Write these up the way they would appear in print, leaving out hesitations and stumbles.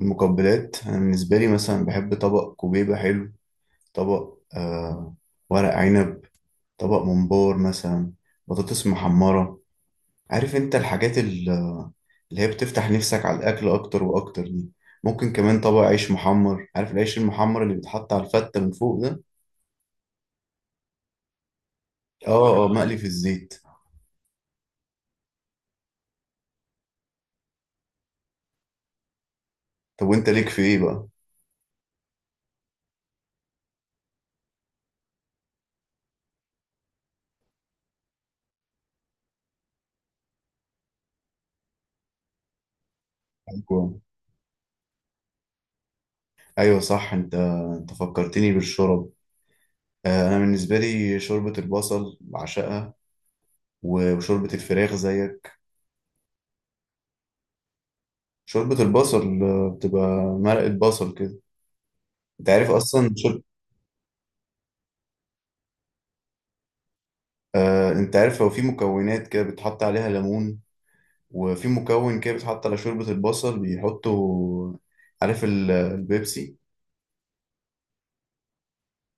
المقبلات، أنا بالنسبة لي مثلا بحب طبق كوبيبة حلو. طبق ورق عنب. طبق ممبار مثلا. بطاطس محمرة. عارف انت الحاجات اللي هي بتفتح نفسك على الأكل أكتر وأكتر دي. ممكن كمان طبق عيش محمر، عارف العيش المحمر اللي بيتحط على الفتة من فوق ده. اه، اه، مقلي في الزيت. طب وانت ليك في ايه بقى؟ أيوة، أيوة. صح انت فكرتني بالشرب. انا بالنسبة لي شوربة البصل بعشقها. وشوربة الفراخ زيك. شوربة البصل، بتبقى مرقة بصل كده. انت عارف اصلا شرب. انت عارف هو في مكونات كده بتحط عليها ليمون، وفي مكون كده بيتحط على شوربة البصل، بيحطوا، عارف البيبسي.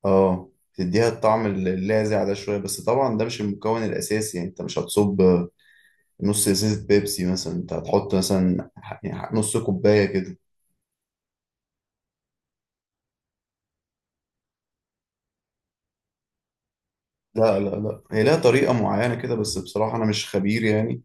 اه، تديها الطعم اللاذع ده شوية. بس طبعا ده مش المكون الأساسي، يعني انت مش هتصب نص ازازة بيبسي مثلا. انت هتحط مثلا يعني نص كوباية كده. لا، لا، لا، هي لها طريقة معينة كده. بس بصراحة أنا مش خبير يعني.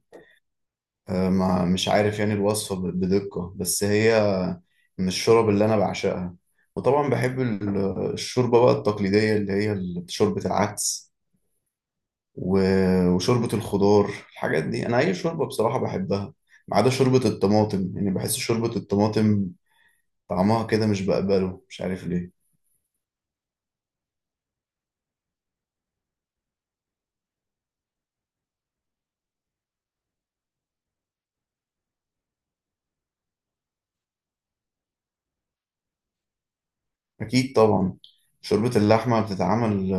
ما مش عارف يعني الوصفة بدقة. بس هي من الشرب اللي أنا بعشقها. وطبعا بحب الشوربة بقى التقليدية، اللي هي شوربة العدس وشوربة الخضار. الحاجات دي أنا أي شوربة بصراحة بحبها، ما عدا شوربة الطماطم. يعني بحس شوربة الطماطم طعمها كده مش بقبله، مش عارف ليه. أكيد طبعا. شوربة اللحمة بتتعمل،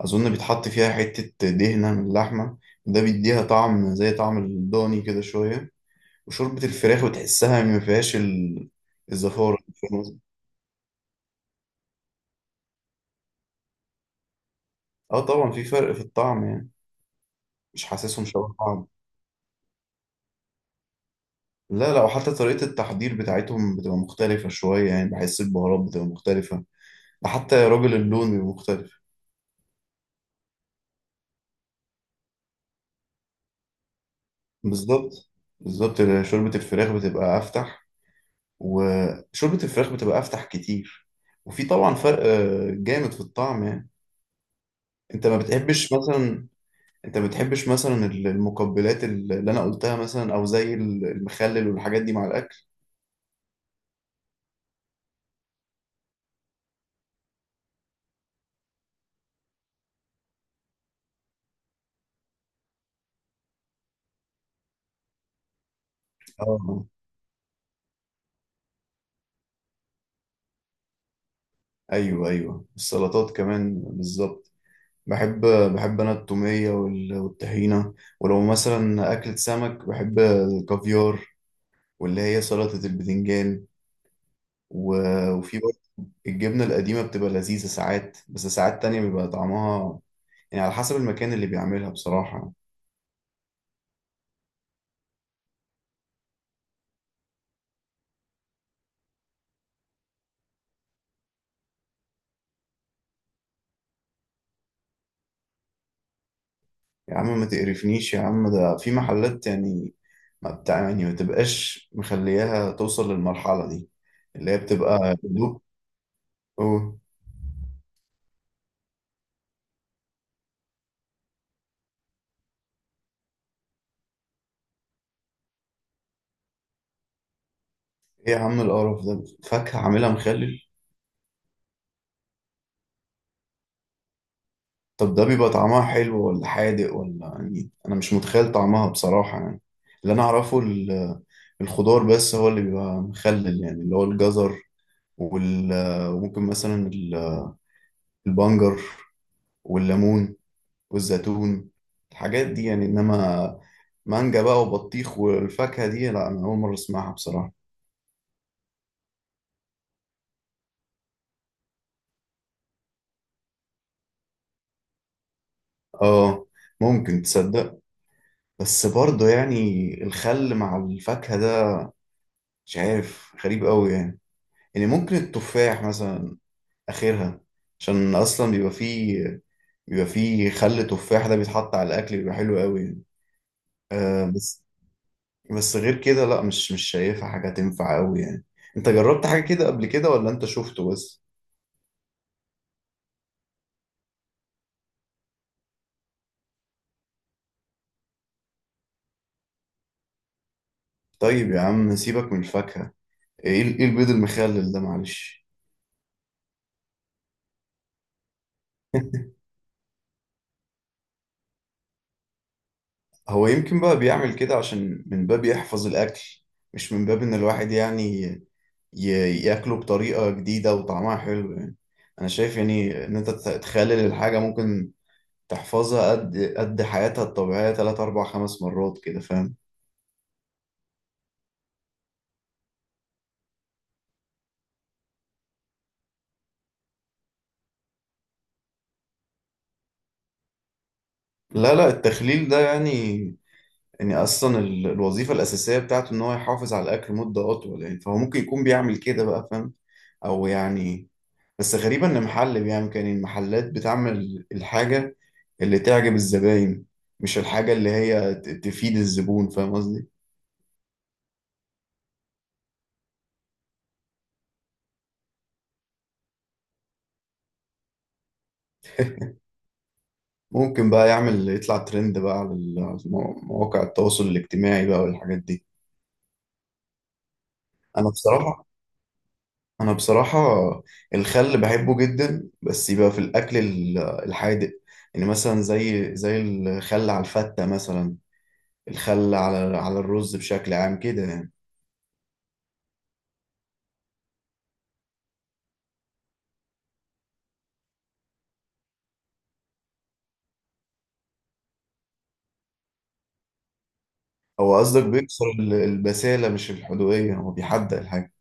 أظن بيتحط فيها حتة دهنة من اللحمة، ده بيديها طعم زي طعم الضاني كده شوية. وشوربة الفراخ بتحسها ما فيهاش الزفارة اللي في الرز. اه طبعا في فرق في الطعم يعني، مش حاسسهم شبه بعض. لا، لا، وحتى طريقة التحضير بتاعتهم بتبقى مختلفة شوية. يعني بحس البهارات بتبقى مختلفة، ده حتى يا راجل اللون بيبقى مختلف. بالظبط، بالظبط. شوربة الفراخ بتبقى أفتح، وشوربة الفراخ بتبقى أفتح كتير. وفي طبعا فرق جامد في الطعم يعني. انت ما بتحبش مثلا انت ما بتحبش مثلا المقبلات اللي انا قلتها مثلا، او زي المخلل والحاجات دي مع الاكل. اه، ايوه، ايوه، السلطات كمان بالظبط. بحب بحب انا التوميه والطحينه. ولو مثلا اكلة سمك بحب الكافيار، واللي هي سلطه البتنجان. وفي برضه الجبنه القديمه بتبقى لذيذه ساعات، بس ساعات تانية بيبقى طعمها، يعني على حسب المكان اللي بيعملها بصراحه. يا عم ما تقرفنيش يا عم، ده في محلات يعني، ما بتاع يعني ما تبقاش مخلياها توصل للمرحلة دي، اللي هي بتبقى دوب. أوه. ايه يا عم القرف ده، فاكهة عاملها مخلل؟ طب ده بيبقى طعمها حلو ولا حادق ولا؟ يعني انا مش متخيل طعمها بصراحة يعني. اللي انا اعرفه الخضار بس هو اللي بيبقى مخلل، يعني اللي هو الجزر وممكن مثلا البنجر والليمون والزيتون، الحاجات دي يعني. انما مانجا بقى وبطيخ والفاكهة دي، لا، انا اول مرة اسمعها بصراحة. اه، ممكن تصدق. بس برضه يعني الخل مع الفاكهة ده مش عارف، غريب قوي يعني. يعني ممكن التفاح مثلا اخرها، عشان اصلا بيبقى فيه، بيبقى فيه خل تفاح، ده بيتحط على الاكل بيبقى حلو قوي يعني. آه بس بس غير كده لا، مش شايفها حاجة تنفع قوي يعني. انت جربت حاجة كده قبل كده، ولا انت شفته بس؟ طيب يا عم سيبك من الفاكهة، ايه إيه البيض المخلل ده، معلش؟ هو يمكن بقى بيعمل كده عشان من باب يحفظ الأكل، مش من باب إن الواحد يعني ياكله بطريقة جديدة وطعمها حلو يعني. أنا شايف يعني إن أنت تخلل الحاجة، ممكن تحفظها قد حياتها الطبيعية تلات أربع خمس مرات كده، فاهم؟ لا، لا، التخليل ده يعني، يعني أصلا الوظيفة الأساسية بتاعته إن هو يحافظ على الأكل مدة أطول، يعني فهو ممكن يكون بيعمل كده بقى، فاهم؟ أو يعني بس غريبة إن محل بيعمل كده، يعني المحلات بتعمل الحاجة اللي تعجب الزباين، مش الحاجة اللي هي تفيد الزبون، فاهم قصدي؟ ممكن بقى يعمل يطلع ترند بقى على على مواقع التواصل الاجتماعي بقى والحاجات دي. أنا بصراحة أنا بصراحة الخل بحبه جدا، بس يبقى في الأكل الحادق. يعني مثلا زي الخل على الفتة مثلا، الخل على الرز بشكل عام كده يعني. هو قصدك بيكسر البسالة مش الحدوقية، هو بيحدق الحاجة.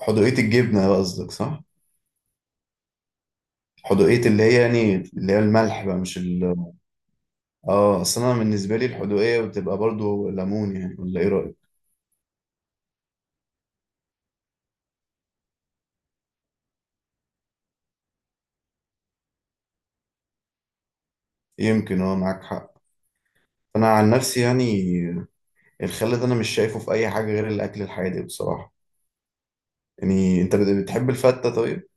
حدوقية الجبنة بقى قصدك صح؟ حدوقية اللي هي يعني اللي هي الملح بقى، مش ال. اه أصل أنا بالنسبة لي الحدوقية بتبقى برضو ليمون يعني، ولا إيه رأيك؟ يمكن اه معاك حق. أنا عن نفسي يعني، الخل ده أنا مش شايفه في أي حاجة غير الأكل الحادق بصراحة. يعني أنت بتحب الفتة طيب؟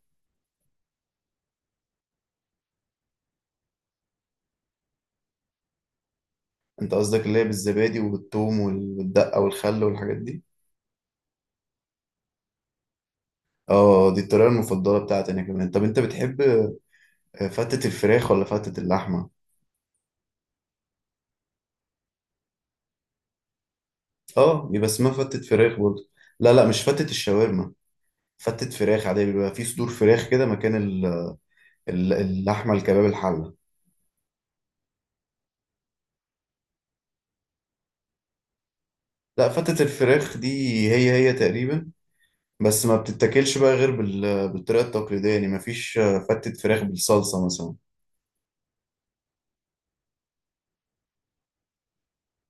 أنت قصدك اللي هي بالزبادي وبالثوم والدقة والخل والحاجات دي؟ اه دي الطريقة المفضلة بتاعتي أنا كمان. طب أنت بتحب فتة الفراخ ولا فتة اللحمة؟ اه بيبقى اسمها فتة فراخ برضه. لا، لا، مش فتة الشاورما. فتة فراخ عادية، بيبقى في صدور فراخ كده مكان اللحمة الكباب الحلة. لا، فتة الفراخ دي، هي تقريبا. بس ما بتتاكلش بقى غير بالطريقة التقليدية يعني، ما فيش فتة فراخ بالصلصة مثلا.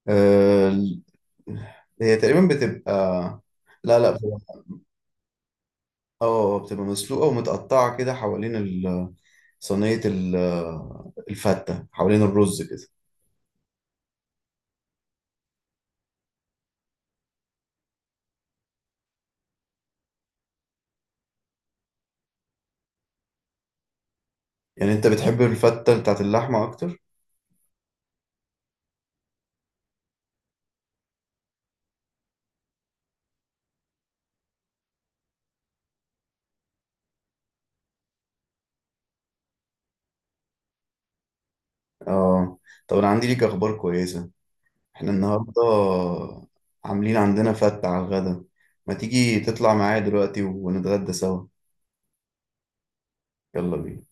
آه، ال- هي تقريبا بتبقى. لا، لا، اه، بتبقى مسلوقة ومتقطعة كده حوالين صينية الفتة، حوالين الرز كده. يعني انت بتحب الفتة بتاعت اللحمة اكتر. اه طب انا عندي ليك اخبار كويسة. احنا النهاردة عاملين عندنا فتة على الغدا، ما تيجي تطلع معايا دلوقتي ونتغدى سوا؟ يلا بينا.